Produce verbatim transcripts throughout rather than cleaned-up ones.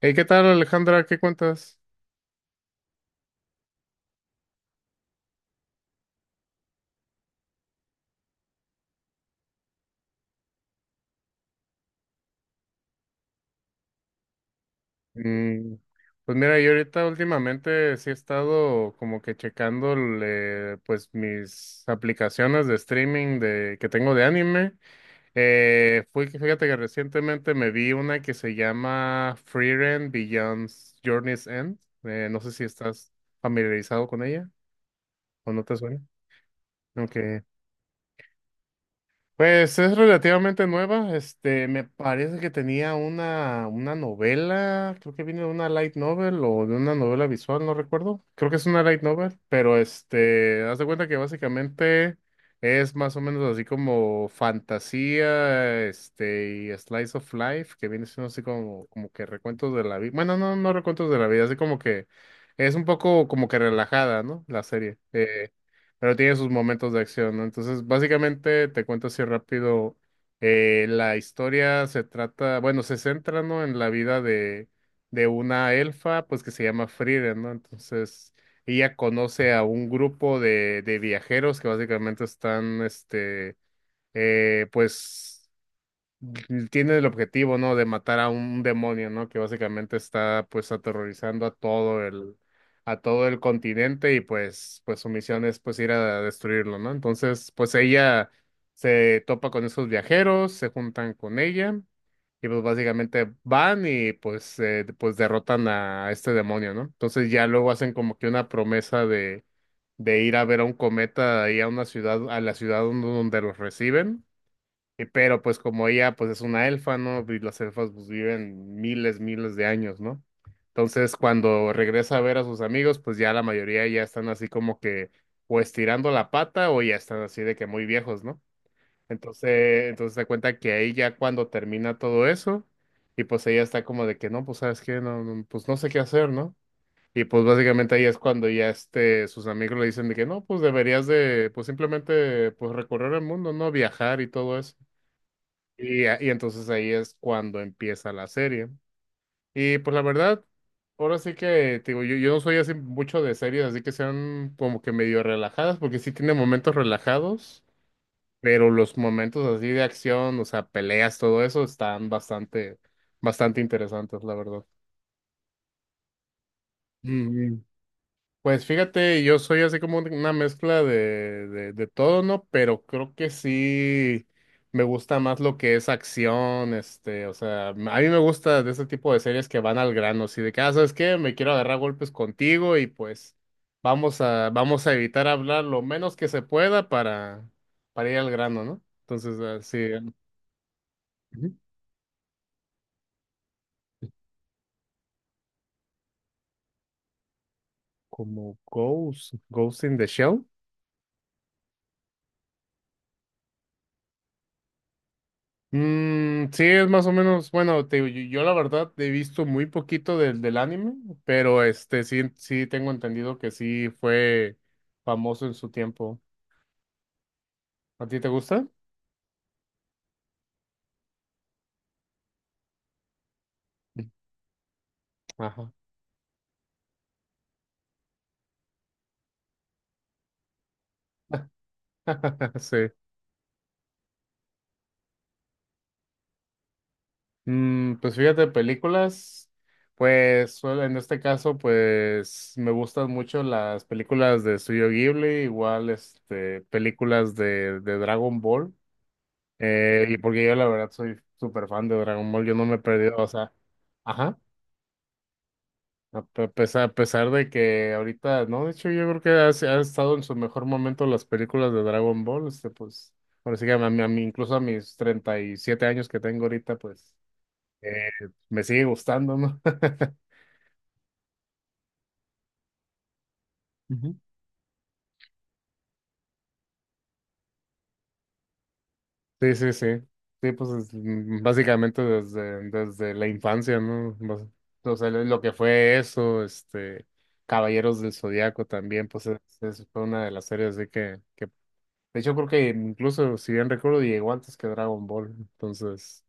Hey, ¿qué tal, Alejandra? ¿Qué cuentas? Mm, pues mira, yo ahorita últimamente sí he estado como que checando eh, pues mis aplicaciones de streaming de, que tengo de anime. Eh, fui, fíjate que recientemente me vi una que se llama Frieren Beyond Journey's End. Eh, no sé si estás familiarizado con ella o no te suena. Ok. Pues es relativamente nueva. Este, me parece que tenía una, una novela, creo que viene de una light novel o de una novela visual, no recuerdo. Creo que es una light novel, pero este, haz de cuenta que básicamente es más o menos así como fantasía, este, y slice of life, que viene siendo así como, como que recuentos de la vida. Bueno, no, no recuentos de la vida, así como que es un poco como que relajada, ¿no? La serie. Eh, pero tiene sus momentos de acción, ¿no? Entonces, básicamente, te cuento así rápido, eh, la historia se trata, bueno, se centra, ¿no? En la vida de, de una elfa, pues que se llama Frida, ¿no? Entonces, ella conoce a un grupo de, de viajeros que básicamente están, este, eh, pues tiene el objetivo, ¿no? De matar a un demonio, ¿no? Que básicamente está pues aterrorizando a todo el, a todo el continente y pues, pues su misión es pues ir a destruirlo, ¿no? Entonces, pues ella se topa con esos viajeros, se juntan con ella y pues básicamente van y pues, eh, pues derrotan a este demonio, ¿no? Entonces ya luego hacen como que una promesa de, de ir a ver a un cometa ahí a una ciudad, a la ciudad donde donde los reciben. Y pero pues como ella pues es una elfa, ¿no? Y las elfas pues viven miles, miles de años, ¿no? Entonces cuando regresa a ver a sus amigos, pues ya la mayoría ya están así como que o estirando la pata o ya están así de que muy viejos, ¿no? Entonces, entonces se cuenta que ahí ya cuando termina todo eso, y pues ella está como de que no, pues sabes qué, no, no, pues no sé qué hacer, ¿no? Y pues básicamente ahí es cuando ya este, sus amigos le dicen de que no, pues deberías de, pues simplemente, pues recorrer el mundo, ¿no? Viajar y todo eso. Y, y entonces ahí es cuando empieza la serie. Y pues la verdad, ahora sí que, te digo, yo, yo no soy así mucho de series, así que sean como que medio relajadas, porque sí tiene momentos relajados, pero los momentos así de acción, o sea, peleas, todo eso, están bastante, bastante interesantes, la verdad. Pues fíjate, yo soy así como una mezcla de, de, de todo, ¿no? Pero creo que sí me gusta más lo que es acción, este, o sea, a mí me gusta de este tipo de series que van al grano, así de que, ah, ¿sabes qué? Me quiero agarrar golpes contigo y pues vamos a, vamos a evitar hablar lo menos que se pueda para, para ir al grano, ¿no? Entonces, así, ujú, como Ghost, Ghost in the Shell. Mm, sí, es más o menos, bueno, te digo, yo, yo la verdad he visto muy poquito del, del anime, pero este sí, sí tengo entendido que sí fue famoso en su tiempo. ¿A ti te gusta? Ajá. Sí. Mm, pues fíjate, películas, pues suel- en este caso, pues me gustan mucho las películas de Studio Ghibli, igual este películas de, de Dragon Ball. Eh, y porque yo la verdad soy súper fan de Dragon Ball, yo no me he perdido, o sea, ajá, a pe- pesar, a pesar de que ahorita, no, de hecho yo creo que ha, se- ha estado en su mejor momento las películas de Dragon Ball, este, pues, ahora sí que a mí, a mí, incluso a mis treinta y siete años que tengo ahorita, pues, eh, me sigue gustando, ¿no? Sí, sí, sí. Sí, pues es, mm, básicamente desde, desde la infancia, ¿no? Bas- O sea, lo lo que fue eso, este, Caballeros del Zodiaco también, pues es, es- fue una de las series de que, que, de hecho creo que incluso, si bien recuerdo, llegó antes que Dragon Ball, entonces,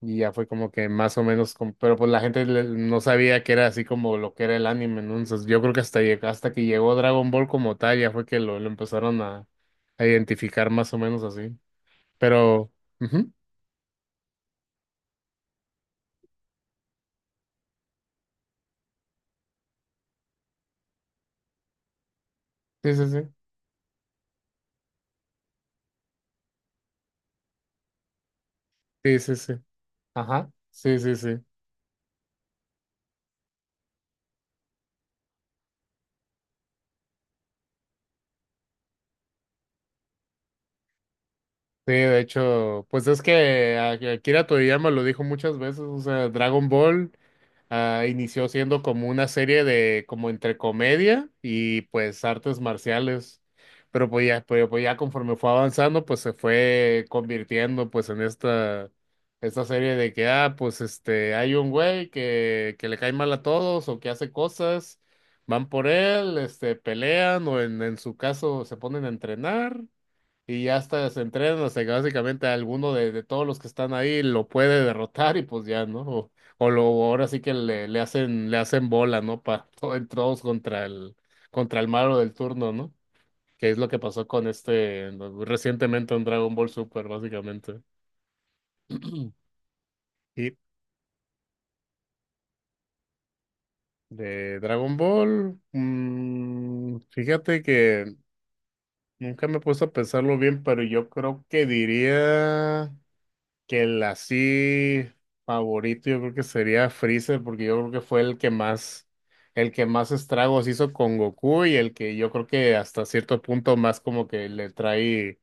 y ya fue como que más o menos, como- pero pues la gente le- no sabía que era así como lo que era el anime, ¿no? Entonces yo creo que hasta, lleg- hasta que llegó Dragon Ball como tal, ya fue que lo, lo empezaron a, a identificar más o menos así, pero... ujú. Sí, sí, sí. Sí, sí, sí. Ajá. Sí, sí, sí. Sí, de hecho, pues es que a- Akira Toriyama lo dijo muchas veces, o sea, Dragon Ball. Ah, inició siendo como una serie de, como entre comedia y pues artes marciales. Pero pues ya, pero pues ya conforme fue avanzando, pues se fue convirtiendo pues en esta, esta serie de que, ah, pues este, hay un güey que, que le cae mal a todos o que hace cosas, van por él, este, pelean o en, en su caso se ponen a entrenar. Y ya hasta se entrenan hasta que básicamente alguno de, de todos los que están ahí lo puede derrotar y pues ya, ¿no? O, o lo ahora sí que le, le hacen, le hacen bola, ¿no? Para todos contra el, contra el malo del turno, ¿no? Que es lo que pasó con este, no, recientemente en Dragon Ball Super, básicamente. Y de Dragon Ball, mm, fíjate que nunca me he puesto a pensarlo bien, pero yo creo que diría que el así favorito yo creo que sería Freezer, porque yo creo que fue el que más, el que más estragos hizo con Goku y el que yo creo que hasta cierto punto más como que le trae,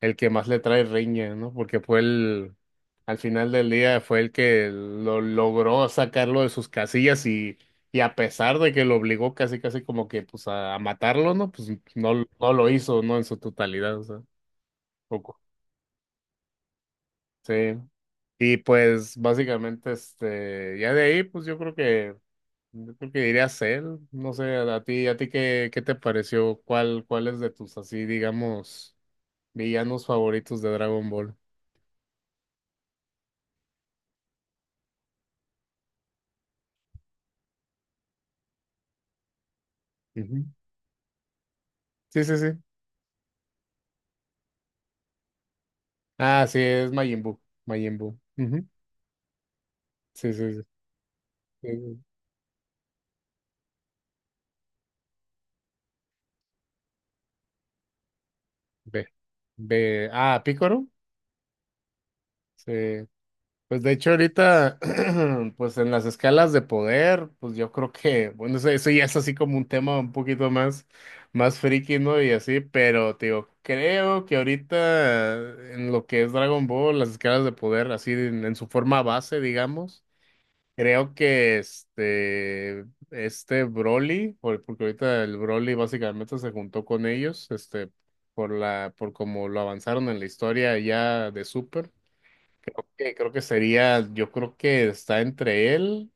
el que más le trae riña, ¿no? Porque fue el, al final del día fue el que lo logró sacarlo de sus casillas y, y a pesar de que lo obligó casi casi como que pues a, a matarlo, ¿no? Pues no, no lo hizo, ¿no? En su totalidad, o sea, poco. Sí. Y pues básicamente, este, ya de ahí, pues yo creo que, yo creo que diría Cell, no sé, a a ti, a ti qué, qué te pareció, cuál, cuál es de tus así, digamos, villanos favoritos de Dragon Ball. Ujú. Sí, sí, sí. Ah, sí, es Majin Buu, Majin Buu. Ujú. Sí, sí, sí. Sí, Ve, ve, ah, Pícoro. Sí. Pues de hecho ahorita, pues en las escalas de poder, pues yo creo que, bueno, eso, eso ya es así como un tema un poquito más, más friki, ¿no? Y así, pero te digo, creo que ahorita en lo que es Dragon Ball, las escalas de poder, así en, en su forma base, digamos, creo que este, este Broly, por- porque ahorita el Broly básicamente se juntó con ellos, este, por la, por como lo avanzaron en la historia ya de Super que creo que sería, yo creo que está entre él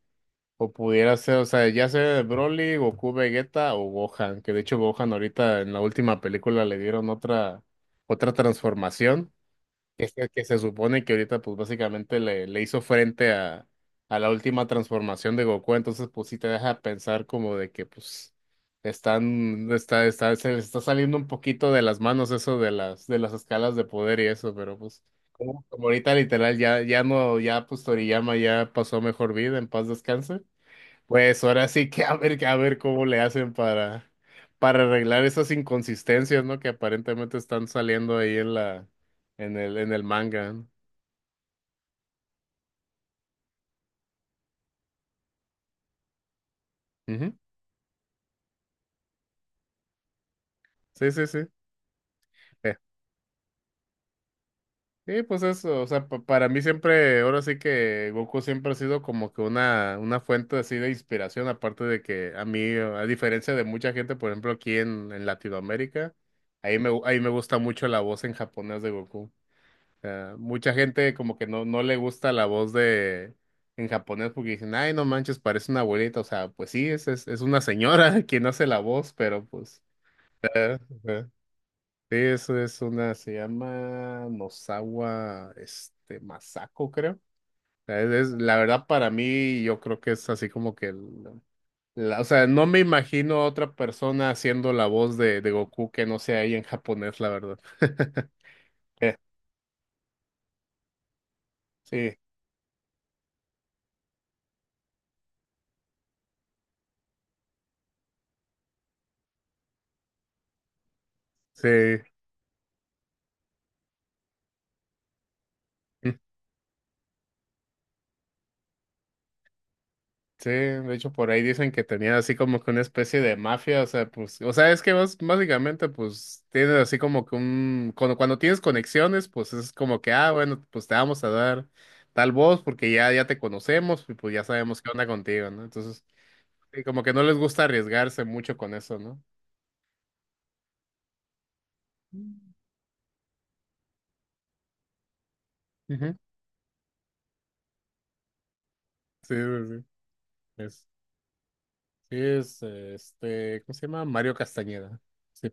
o pudiera ser, o sea, ya sea Broly, Goku, Vegeta o Gohan, que de hecho Gohan ahorita en la última película le dieron otra otra transformación que se, que se supone que ahorita pues básicamente le, le hizo frente a, a la última transformación de Goku, entonces pues sí te deja pensar como de que pues están, está, está, se les está saliendo un poquito de las manos eso de las, de las escalas de poder y eso, pero pues como, como ahorita literal ya, ya no, ya pues Toriyama ya pasó a mejor vida, en paz descanse. Pues ahora sí que a ver, a ver cómo le hacen para, para arreglar esas inconsistencias, ¿no? Que aparentemente están saliendo ahí en la, en el, en el manga. ¿No? Ujú. Sí, sí, sí. Eh, Sí, pues eso, o sea, pa- para mí siempre, ahora sí que Goku siempre ha sido como que una, una fuente así de inspiración, aparte de que a mí, a diferencia de mucha gente, por ejemplo, aquí en, en Latinoamérica, ahí me, gu- ahí me gusta mucho la voz en japonés de Goku. Sea, mucha gente como que no, no le gusta la voz de en japonés porque dicen, ay, no manches, parece una abuelita. O sea, pues sí, es, es, es una señora quien hace la voz, pero pues. eh, eh. Sí, eso es una, se llama Nozawa, este, Masako, creo. O sea, es- es- la verdad para mí, yo creo que es así como que, el- la- o sea, no me imagino a otra persona haciendo la voz de, de Goku que no sea ahí en japonés, la verdad. Eh, Sí, sí. Sí, de hecho por ahí dicen que tenía así como que una especie de mafia, o sea, pues, o sea, es que vos básicamente pues tienes así como que un, cuando, cuando tienes conexiones, pues es como que, ah, bueno, pues te vamos a dar tal voz porque ya, ya te conocemos y pues ya sabemos qué onda contigo, ¿no? Entonces, sí, como que no les gusta arriesgarse mucho con eso, ¿no? Ujú. Sí, sí, sí. Es, sí, es eh, este, ¿cómo se llama? Mario Castañeda. Sí.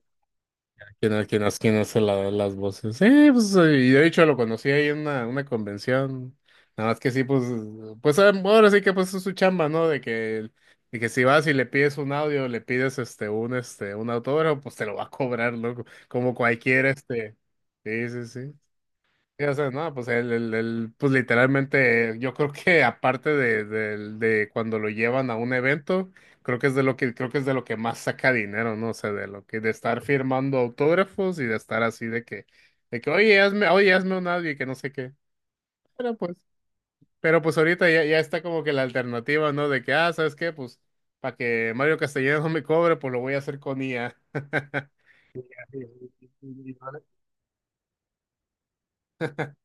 ¿Quién, ha- quién, hace- quién hace la- las voces? Sí, pues, eh, y de hecho lo conocí ahí en una, una convención. Nada más que sí, pues, pues ah, ahora sí que pues es su chamba, ¿no? De que, de que si vas y le pides un audio, le pides este, un, este, un autógrafo, pues te lo va a cobrar, loco. Como cualquier, este. Sí, sí, sí. O sea, no, pues el, el, el- pues literalmente, yo creo que aparte de, del- de cuando lo llevan a un evento, creo que es de lo que, creo que es de lo que más saca dinero, ¿no? O sea, de lo que, de estar firmando autógrafos y de estar así de que, de que, oye, hazme, oye, hazme un audio y que no sé qué. Pero pues, pero pues ahorita ya, ya está como que la alternativa, ¿no? De que, ah, ¿sabes qué? Pues, para que Mario Castellanos no me cobre, pues lo voy a hacer con I A.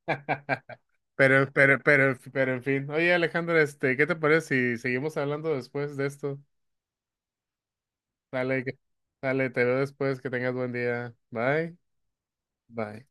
Pero, pero, pero, pero, en fin. Oye, Alejandro, este, ¿qué te parece si seguimos hablando después de esto? Dale, que- dale, te veo después, que tengas buen día. Bye, bye.